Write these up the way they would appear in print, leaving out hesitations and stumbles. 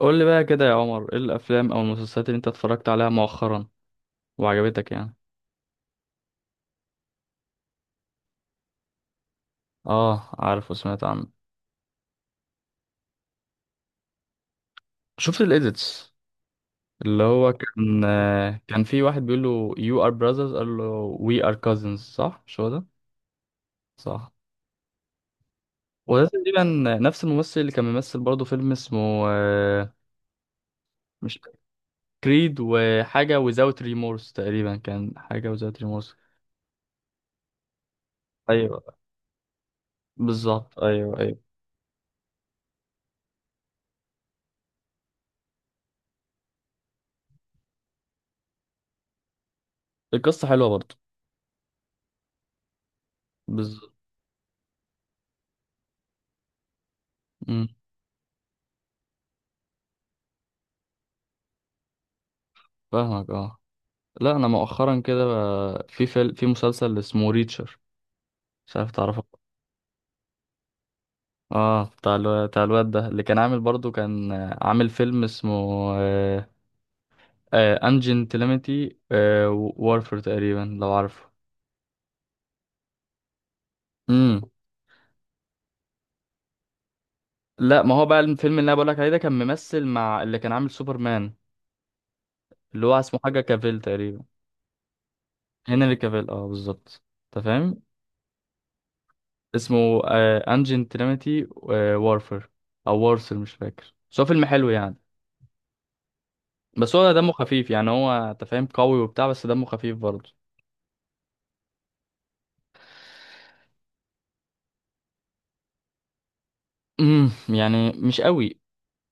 قول لي بقى كده يا عمر، ايه الافلام او المسلسلات اللي انت اتفرجت عليها مؤخرا وعجبتك يعني. اه، عارف وسمعت عنه. شفت الايديتس. اللي هو كان كان في واحد بيقول له you are brothers، قال له we are cousins. صح، مش هو ده؟ صح. وده تقريبا نفس الممثل اللي كان بيمثل برضه فيلم اسمه آه، مش كريد، وحاجة without remorse تقريبا، كان حاجة without remorse. ايوه، بالظبط ايوه ايوه. القصة حلوة برضه. بالظبط. أمم، فاهمك اه. لا، انا مؤخرا كده بقى في فيلم، في مسلسل اسمه ريتشر، مش عارف تعرفه. اه، بتاع بتاع الواد ده اللي كان عامل برضو، كان عامل فيلم اسمه انجن تيليمتي وارفر تقريبا، لو عارفه. امم لا، ما هو بقى الفيلم اللي انا بقولك عليه ده كان ممثل مع اللي كان عامل سوبرمان، اللي هو اسمه حاجه كافيل تقريبا. هنري كافيل اه، بالظبط. انت فاهم؟ اسمه انجن تيليمتي وارفر او وارسل، مش فاكر، بس هو فيلم حلو يعني. بس هو دمه خفيف يعني، هو انت فاهم قوي وبتاع، بس دمه خفيف برضه. امم، يعني مش قوي.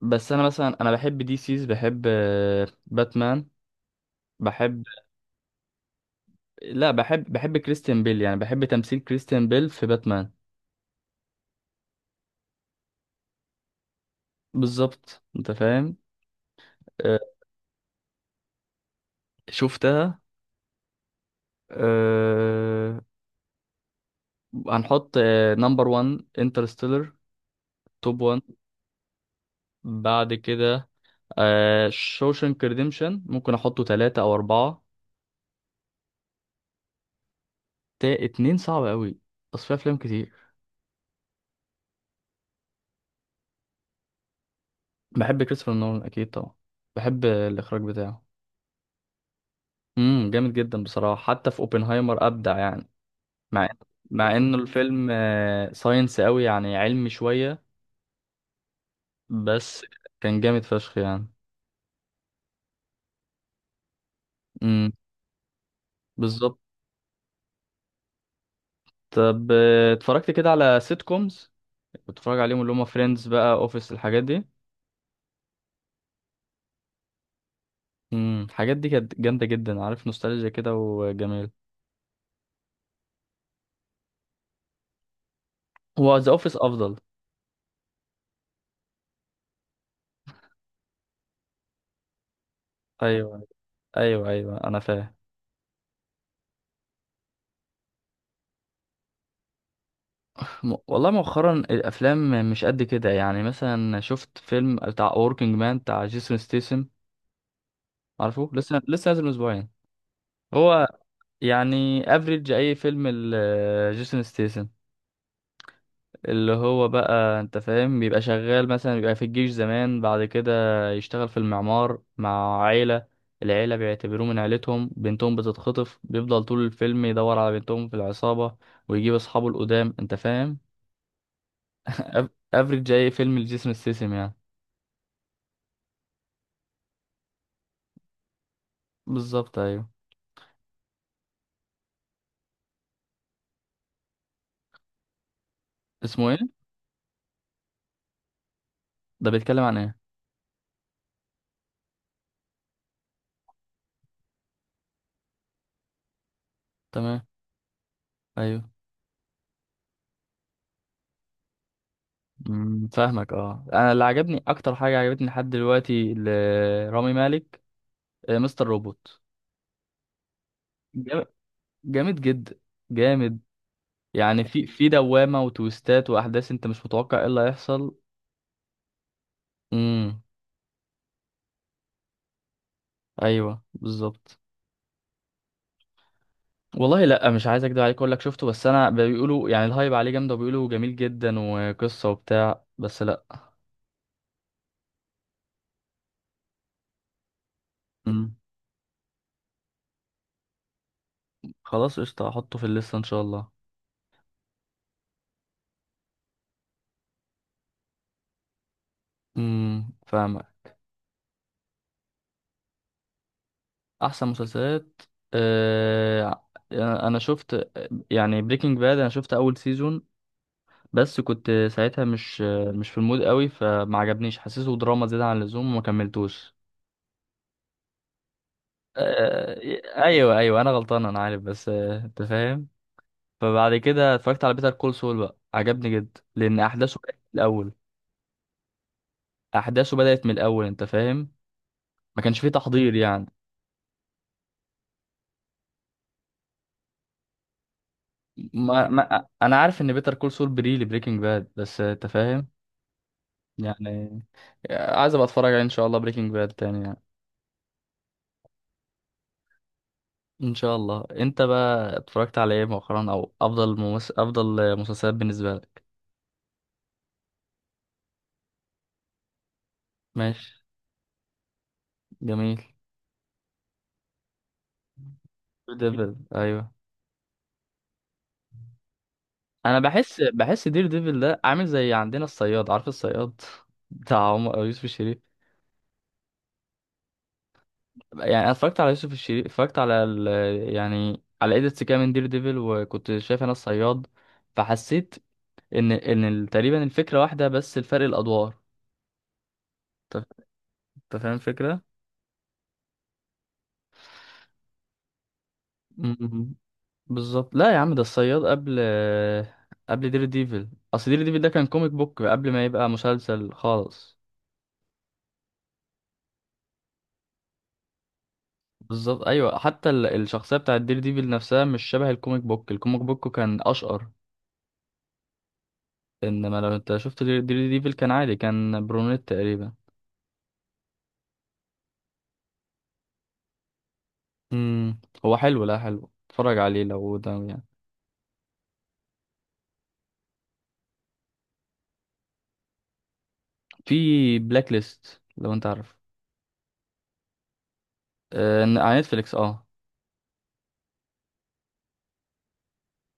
بس انا مثلا بحب دي سيز، بحب باتمان. بحب. لا، بحب كريستيان بيل يعني، بحب تمثيل كريستيان بيل في باتمان. بالظبط، انت فاهم. آه، شفتها. أه... هنحط نمبر 1 انترستيلر، توب 1. بعد كده شوشنك ريديمشن، ممكن احطه ثلاثة او اربعة. تا اتنين صعب قوي، بس في افلام كتير. بحب كريستوفر نولان، اكيد طبعا، بحب الاخراج بتاعه. امم، جامد جدا بصراحه، حتى في اوبنهايمر ابدع يعني. مع مع انه الفيلم ساينس قوي يعني، علمي شويه، بس كان جامد فشخ يعني. امم، بالظبط. طب اتفرجت كده على سيت كومز، كنت بتفرج عليهم، اللي هم فريندز بقى، اوفيس، الحاجات دي. الحاجات دي كانت جامده جدا، عارف، نوستالجيا كده وجميل. هو ذا اوفيس افضل. ايوه، ايوه ايوه انا فاهم. والله مؤخرا الافلام مش قد كده يعني. مثلا شفت فيلم بتاع وركينج مان بتاع جيسون ستيسن، عارفه؟ لسه نازل من اسبوعين. هو يعني افريج اي فيلم جيسون ستيسن، اللي هو بقى انت فاهم، بيبقى شغال مثلا، بيبقى في الجيش زمان، بعد كده يشتغل في المعمار مع عيلة. العيلة بيعتبروه من عيلتهم، بنتهم بتتخطف، بيفضل طول الفيلم يدور على بنتهم في العصابة، ويجيب اصحابه القدام، انت فاهم. افريج اي فيلم لجيسون ستيسن يعني. بالظبط، ايوه. اسمه ايه؟ ده بيتكلم عن ايه؟ تمام. ايوه. أمم، فاهمك اه. انا اللي عجبني اكتر، حاجه عجبتني لحد دلوقتي لرامي مالك مستر روبوت. جام- جامد جدا، جامد. يعني في دوامه وتويستات واحداث انت مش متوقع ايه اللي هيحصل. امم. ايوه، بالظبط. والله لا، مش عايز اكدب عليك اقول لك شفته، بس انا بيقولوا يعني الهايب عليه جامد وبيقولوا جميل جدا وقصه وبتاع، بس لا. امم، خلاص قشطه، هحطه في الليسته ان شاء الله. امم، فاهمك. احسن مسلسلات، آه، انا شفت يعني بريكنج باد، انا شفت اول سيزون، بس كنت ساعتها مش في المود قوي، فما عجبنيش، حسيته دراما زيادة عن اللزوم وما كملتوش. آه، ايوه ايوه، انا غلطان انا عارف، بس انت فاهم. فبعد كده اتفرجت على بيتر كول سول بقى، عجبني جدا لان احداثه بدأت من الاول. احداثه بدأت من الاول، انت فاهم، ما كانش فيه تحضير يعني. ما انا عارف ان بيتر كول سول بري لبريكنج باد، بس انت فاهم يعني، عايز ابقى اتفرج عليه ان شاء الله بريكنج باد تاني يعني. ان شاء الله. انت بقى اتفرجت على ايه مؤخرا، او افضل افضل مسلسلات بالنسبه لك؟ ماشي، جميل. دير ديفل، ايوه. انا بحس، بحس دير ديفل ده عامل زي عندنا الصياد. عارف الصياد؟ بتاع عمر يوسف الشريف. يعني انا اتفرجت على يوسف الشريف، اتفرجت على ال... يعني على ايديتس كده من دير ديفل، وكنت شايف انا الصياد، فحسيت ان تقريبا الفكره واحده، بس الفرق الادوار. انت فاهم الفكره. بالظبط. لا يا عم، ده الصياد قبل دير ديفل. اصل دير ديفل ده كان كوميك بوك قبل ما يبقى مسلسل خالص. بالظبط ايوه، حتى الشخصيه بتاعت دير ديفل نفسها مش شبه الكوميك بوك. الكوميك بوك كان اشقر، انما لو انت شفت دير ديفل كان عادي، كان برونيت تقريبا. امم، هو حلو، لا حلو، اتفرج عليه لو ده يعني. في بلاك ليست، لو انت عارف، آه، على نتفليكس اه.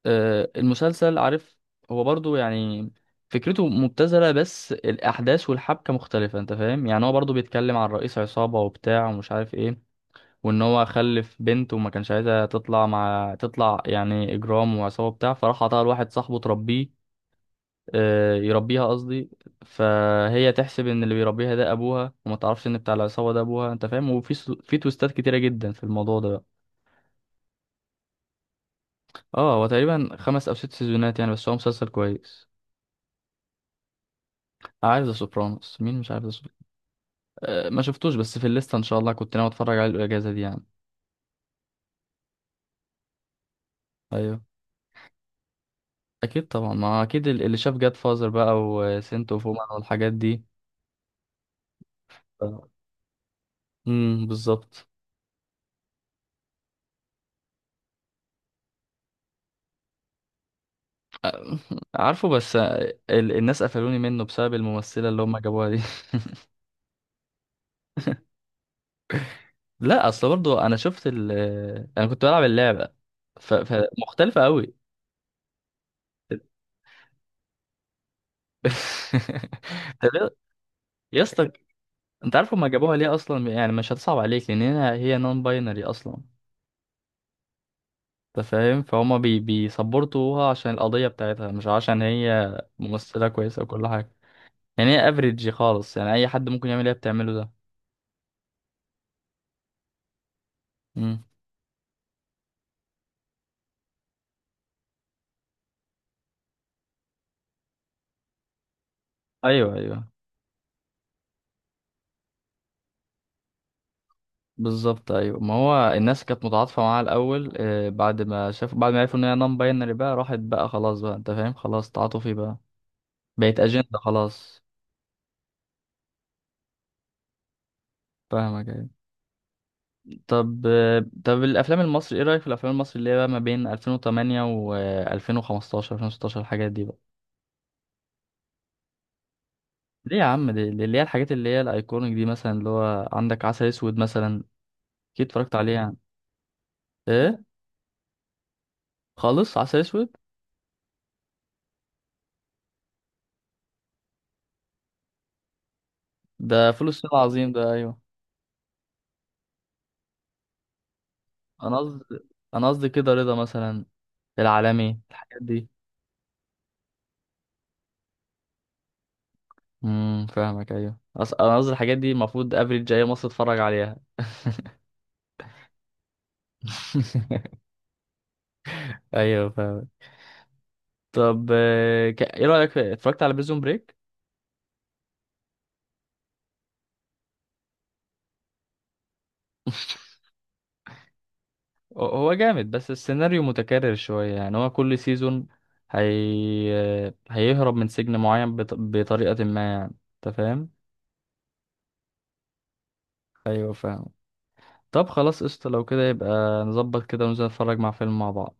المسلسل، عارف، هو برضو يعني فكرته مبتذلة، بس الأحداث والحبكة مختلفة، أنت فاهم يعني. هو برضو بيتكلم عن رئيس عصابة وبتاع ومش عارف إيه، وإن هو خلف بنت وما كانش عايزها تطلع مع تطلع يعني إجرام وعصابة بتاع، فراح عطاها لواحد صاحبه تربيه، آه، يربيها قصدي. فهي تحسب إن اللي بيربيها ده أبوها، وما تعرفش إن بتاع العصابة ده أبوها، أنت فاهم. وفي في تويستات كتيرة جدا في الموضوع ده بقى. اه، هو تقريبا 5 أو 6 سيزونات يعني، بس هو مسلسل كويس. عارف ذا سوبرانوس؟ مين مش عارف ذا سوبرانوس؟ أه، ما شفتوش، بس في الليسته ان شاء الله، كنت ناوي اتفرج عليه الاجازه دي يعني. ايوه. اكيد طبعا، ما اكيد اللي شاف جاد فازر بقى، وسنت اوف وومن، والحاجات دي. امم، بالظبط. آه، عارفه، بس آه، الناس قفلوني منه بسبب الممثله اللي هم جابوها دي. لا، اصل برضو انا شفت ال، انا كنت بلعب اللعبه، ف... فمختلفه قوي. طب يا اسطى، انت عارف هما جابوها ليه اصلا؟ يعني مش هتصعب عليك، لان هنا هي نون باينري اصلا. انت فاهم، فهما بيسبورتوها عشان القضية بتاعتها، مش عشان هي ممثلة كويسة وكل حاجة. يعني هي افريج خالص يعني، اي حد ممكن يعمل اللي هي بتعمله ده. مم. ايوه ايوه، بالظبط ايوه. ما هو الناس كانت متعاطفة معاها الاول، آه، بعد ما شافوا، بعد ما عرفوا ان هي نون باينري، بقى راحت بقى، خلاص بقى انت فاهم، خلاص تعاطفي بقى، بقت اجندة خلاص. فاهمك ايوه. طب طب الافلام المصري، ايه رأيك في الافلام المصري اللي هي بقى ما بين 2008 و 2015 2016 الحاجات دي بقى؟ ليه يا عم، دي اللي هي الحاجات اللي هي الايكونيك دي، مثلا اللي هو عندك عسل اسود مثلا، اكيد اتفرجت عليه يعني. ايه خالص؟ عسل اسود، ده فول الصين العظيم ده، ايوه. انا قصدي انا قصدي كده رضا مثلا، العالمي، الحاجات دي. امم، فاهمك ايوه. انا قصدي الحاجات دي المفروض افريج جاي مصر اتفرج عليها. ايوه فاهم. طب ايه رايك اتفرجت على بريزون بريك؟ هو جامد، بس السيناريو متكرر شوية يعني. هو كل سيزون هي... هيهرب من سجن معين بطريقة ما يعني. انت فاهم؟ ايوه فاهم. طب خلاص قشطة، لو كده يبقى نظبط كده وننزل نتفرج مع فيلم مع بعض.